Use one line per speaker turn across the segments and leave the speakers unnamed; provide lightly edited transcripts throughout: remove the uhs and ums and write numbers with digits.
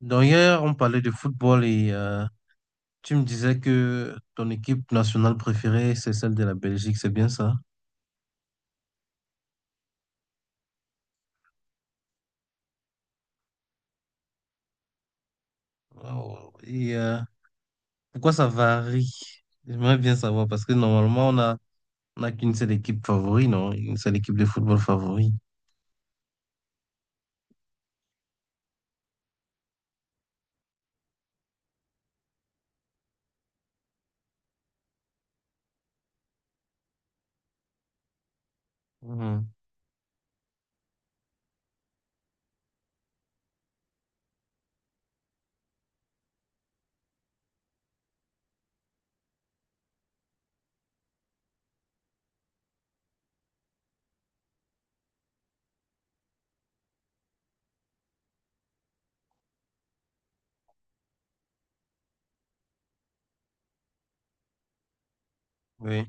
Donc hier, on parlait de football et tu me disais que ton équipe nationale préférée, c'est celle de la Belgique, c'est bien ça? Wow. Et pourquoi ça varie? J'aimerais bien savoir parce que normalement, on a qu'une seule équipe favori, non? Une seule équipe de football favori. Mhm. Oui.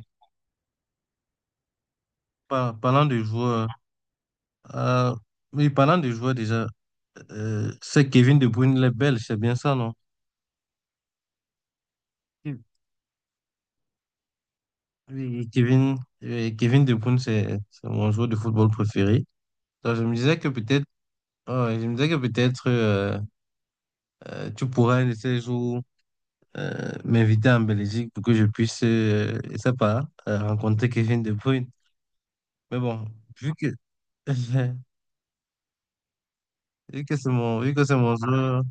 Parlant de joueurs, euh, oui, parlant de joueurs déjà, c'est Kevin De Bruyne, le Belge, c'est bien ça, non? Oui, oui, Kevin, Kevin De Bruyne, c'est mon joueur de football préféré. Donc, je me disais que peut-être, ouais, je me disais que peut-être tu pourrais un de ces jours m'inviter en Belgique pour que je puisse, je sais pas, rencontrer Kevin De Bruyne. Mais bon, vu que, vu que c'est mon joueur.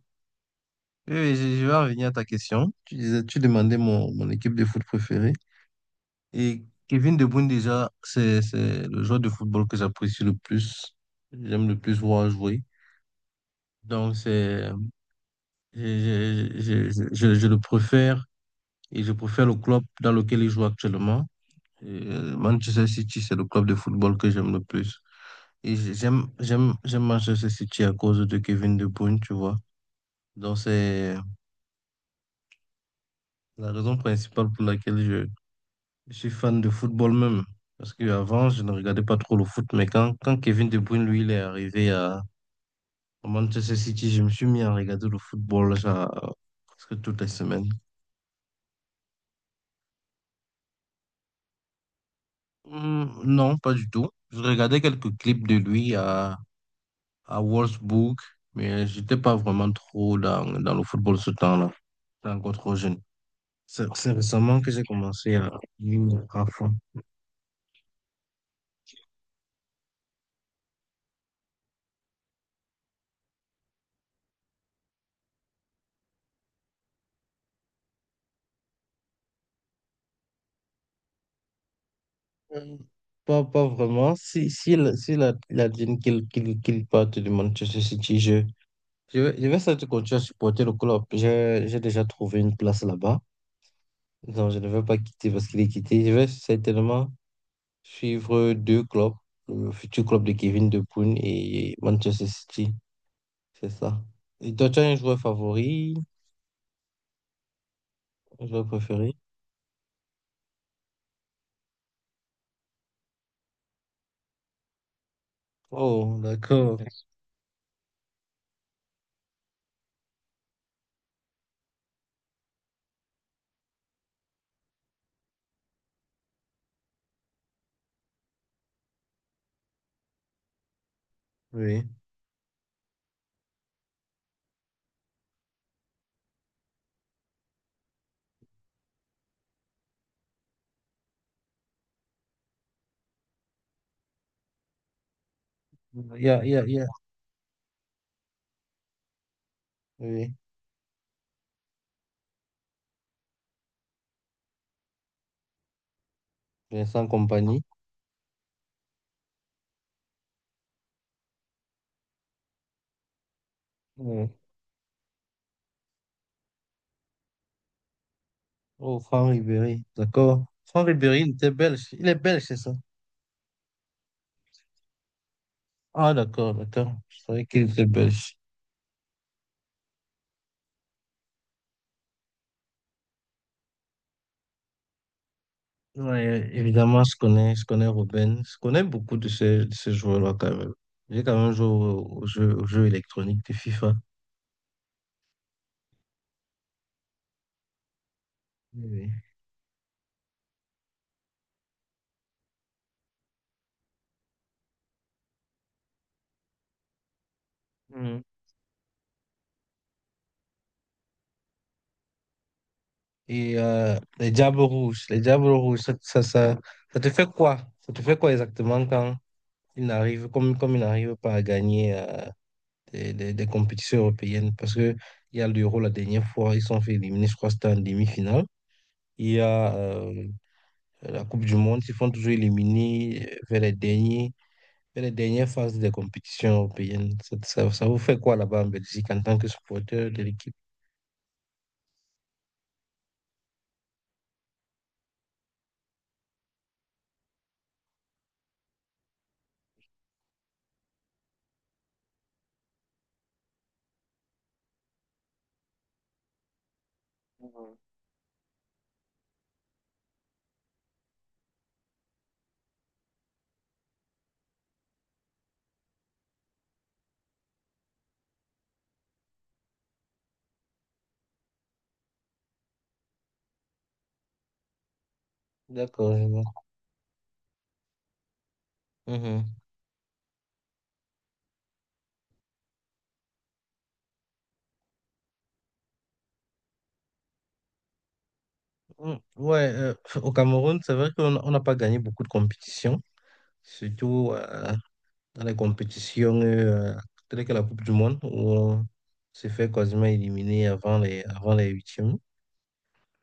Oui, oui, je vais revenir à ta question. Tu disais, tu demandais mon équipe de foot préférée. Et Kevin De Bruyne, déjà, c'est le joueur de football que j'apprécie le plus. J'aime le plus voir jouer. Donc, c'est, je, je, je le préfère et je préfère le club dans lequel il joue actuellement. Manchester City, c'est le club de football que j'aime le plus. Et j'aime Manchester City à cause de Kevin De Bruyne, tu vois. Donc, c'est la raison principale pour laquelle je suis fan de football même. Parce qu'avant, je ne regardais pas trop le foot. Mais quand Kevin De Bruyne, lui, il est arrivé à Manchester City, je me suis mis à regarder le football genre, presque toutes les semaines. Hmm, non, pas du tout. Je regardais quelques clips de lui à Wolfsburg. Mais j'étais pas vraiment trop dans le football ce temps-là. J'étais encore trop jeune. C'est récemment que j'ai commencé à m'y mettre à fond. Euh, Pas, pas vraiment. Si, si, il a dit qu'il parte du Manchester City, je vais surtout continuer à supporter le club. J'ai déjà trouvé une place là-bas. Non, je ne vais pas quitter parce qu'il est quitté. Je vais certainement suivre deux clubs, le futur club de Kevin De Bruyne et Manchester City. C'est ça. Et toi, tu as un joueur favori, un joueur préféré? Oh, d'accord. Oui. Il y a, il y a, il y a- Oui, Vincent Kompany. Oh, Franck Ribéry, d'accord. Franck Ribéry, il était belge. Il est belge, c'est ça? Ah, d'accord, d'accord. Je savais qu'il était belge. Ouais, évidemment, je connais Robben. Je connais beaucoup de ces joueurs-là, quand même. J'ai quand même joué au jeu électronique de FIFA. Oui. Oui. Mhm. Et les Diables Rouges, ça te fait quoi? Ça te fait quoi exactement quand comme ils n'arrivent pas à gagner des compétitions européennes parce que il y a l'Euro la dernière fois, ils sont fait éliminer, je crois que c'était en demi-finale. Il y a la Coupe du Monde, ils font toujours éliminer vers les derniers, vers les dernières phases des compétitions européennes. Ça vous fait quoi là-bas en Belgique en tant que supporter de l'équipe? D'accord, je vois. Mhm. Mm, ouais, au Cameroun, c'est vrai qu'on on n'a pas gagné beaucoup de compétitions, surtout dans les compétitions, telles que la Coupe du Monde, où on se fait quasiment éliminer avant les huitièmes.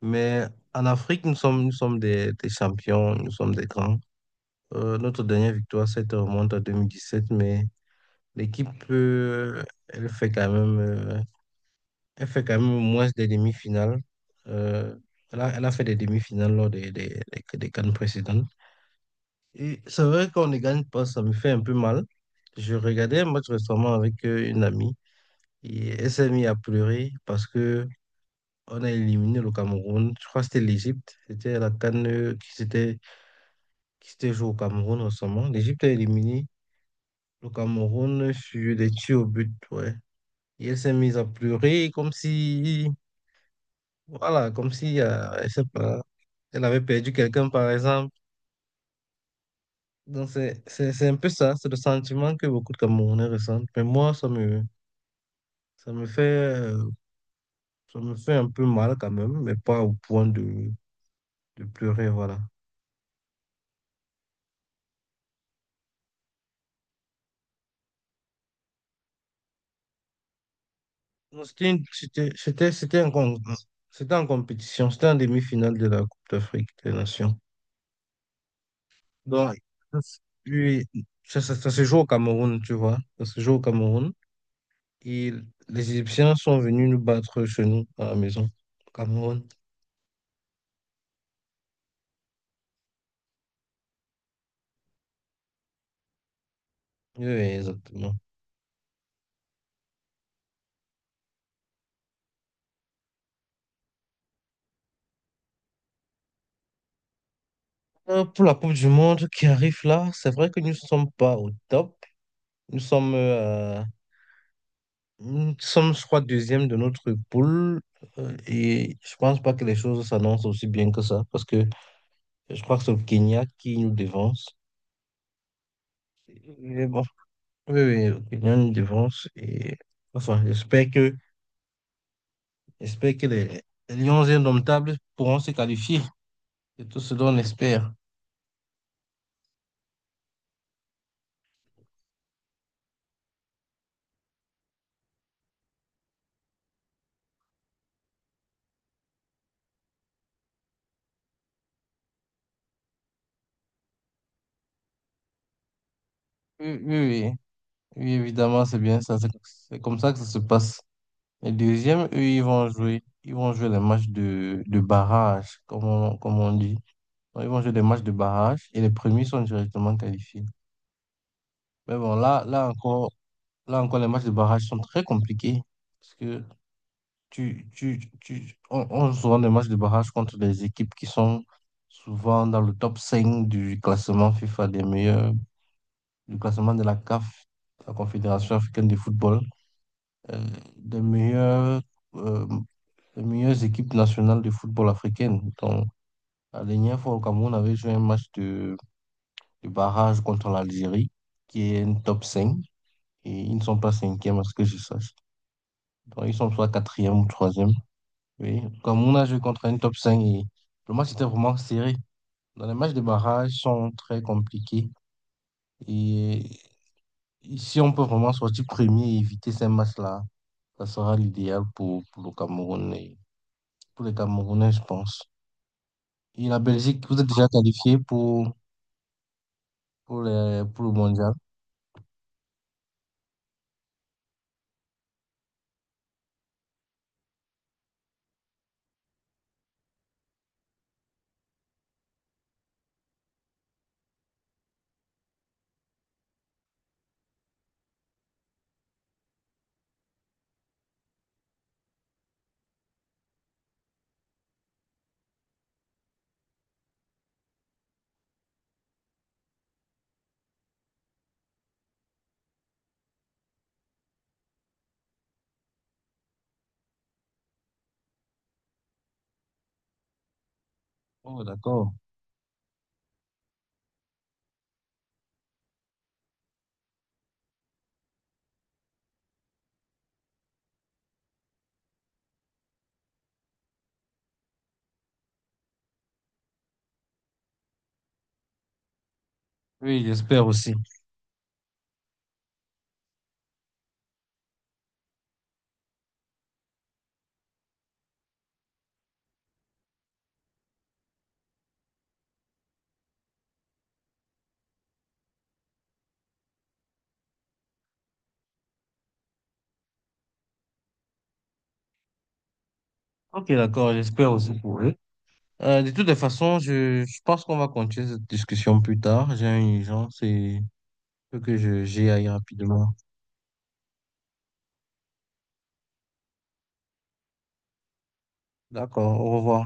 Mais en Afrique, nous sommes des champions, nous sommes des grands. Notre dernière victoire, ça te remonte à 2017 mais l'équipe, elle fait quand même moins des demi-finales. Euh, elle a fait des demi-finales lors des CAN précédentes. Et c'est vrai qu'on ne gagne pas, ça me fait un peu mal. Je regardais un match récemment avec une amie. Et elle s'est mise à pleurer parce que on a éliminé le Cameroun. Je crois que c'était l'Égypte. C'était la CAN qui s'était qui s'était jouée au Cameroun récemment. L'Égypte a éliminé le Cameroun sur des tirs au but. Ouais. Et elle s'est mise à pleurer comme si, voilà, comme si, elle sait pas, elle avait perdu quelqu'un, par exemple. Donc, c'est un peu ça. C'est le sentiment que beaucoup de Camerounais ressentent. Mais moi, ça me fait, euh, ça me fait un peu mal quand même, mais pas au point de pleurer. Voilà. Non, C'était une- c'était, c'était, c'était un con- c'était en compétition, c'était en demi-finale de la Coupe d'Afrique des Nations. Donc, puis, ça se joue au Cameroun, tu vois. Ça se joue au Cameroun. Et les Égyptiens sont venus nous battre chez nous, à la maison, au Cameroun. Oui, oui, exactement. Pour la Coupe du Monde qui arrive là, c'est vrai que nous ne sommes pas au top. Nous sommes, euh, nous sommes, je crois, deuxième de notre poule. Et je pense pas que les choses s'annoncent aussi bien que ça, parce que je crois que c'est le Kenya qui nous devance. Mais bon, oui, oui, le Kenya nous devance. Et enfin, j'espère que les Lions indomptables pourront se qualifier. C'est tout ce dont on espère. Oui, oui, oui. Oui, évidemment, c'est bien ça. C'est comme ça que ça se passe. Les deuxièmes, eux, ils vont jouer. Ils vont jouer les matchs de barrage, comme on dit. Donc, ils vont jouer des matchs de barrage et les premiers sont directement qualifiés. Mais bon, là encore, les matchs de barrage sont très compliqués. Parce que on joue souvent des matchs de barrage contre des équipes qui sont souvent dans le top 5 du classement FIFA des meilleurs, du classement de la CAF, la Confédération africaine de football, euh, des meilleurs, euh, des meilleures équipes nationales de football africaine. Donc, la dernière fois au Cameroun, on avait joué un match de barrage contre l'Algérie, qui est un top 5 et ils ne sont pas cinquième à ce que je sache. Donc, ils sont soit quatrième ou troisième. Oui, comme on a joué contre un top 5 et le match était vraiment serré. Dans les matchs de barrage sont très compliqués. Et si on peut vraiment sortir premier et éviter ces matchs-là, ça sera l'idéal pour le Cameroun et pour les Camerounais, je pense. Et la Belgique, vous êtes déjà qualifié pour le mondial. Oh, d'accord. Oui, j'espère aussi. Ok, d'accord, j'espère aussi pour eux. De toutes les façons, je pense qu'on va continuer cette discussion plus tard. J'ai une urgence et il faut que je j'y aille rapidement. D'accord, au revoir.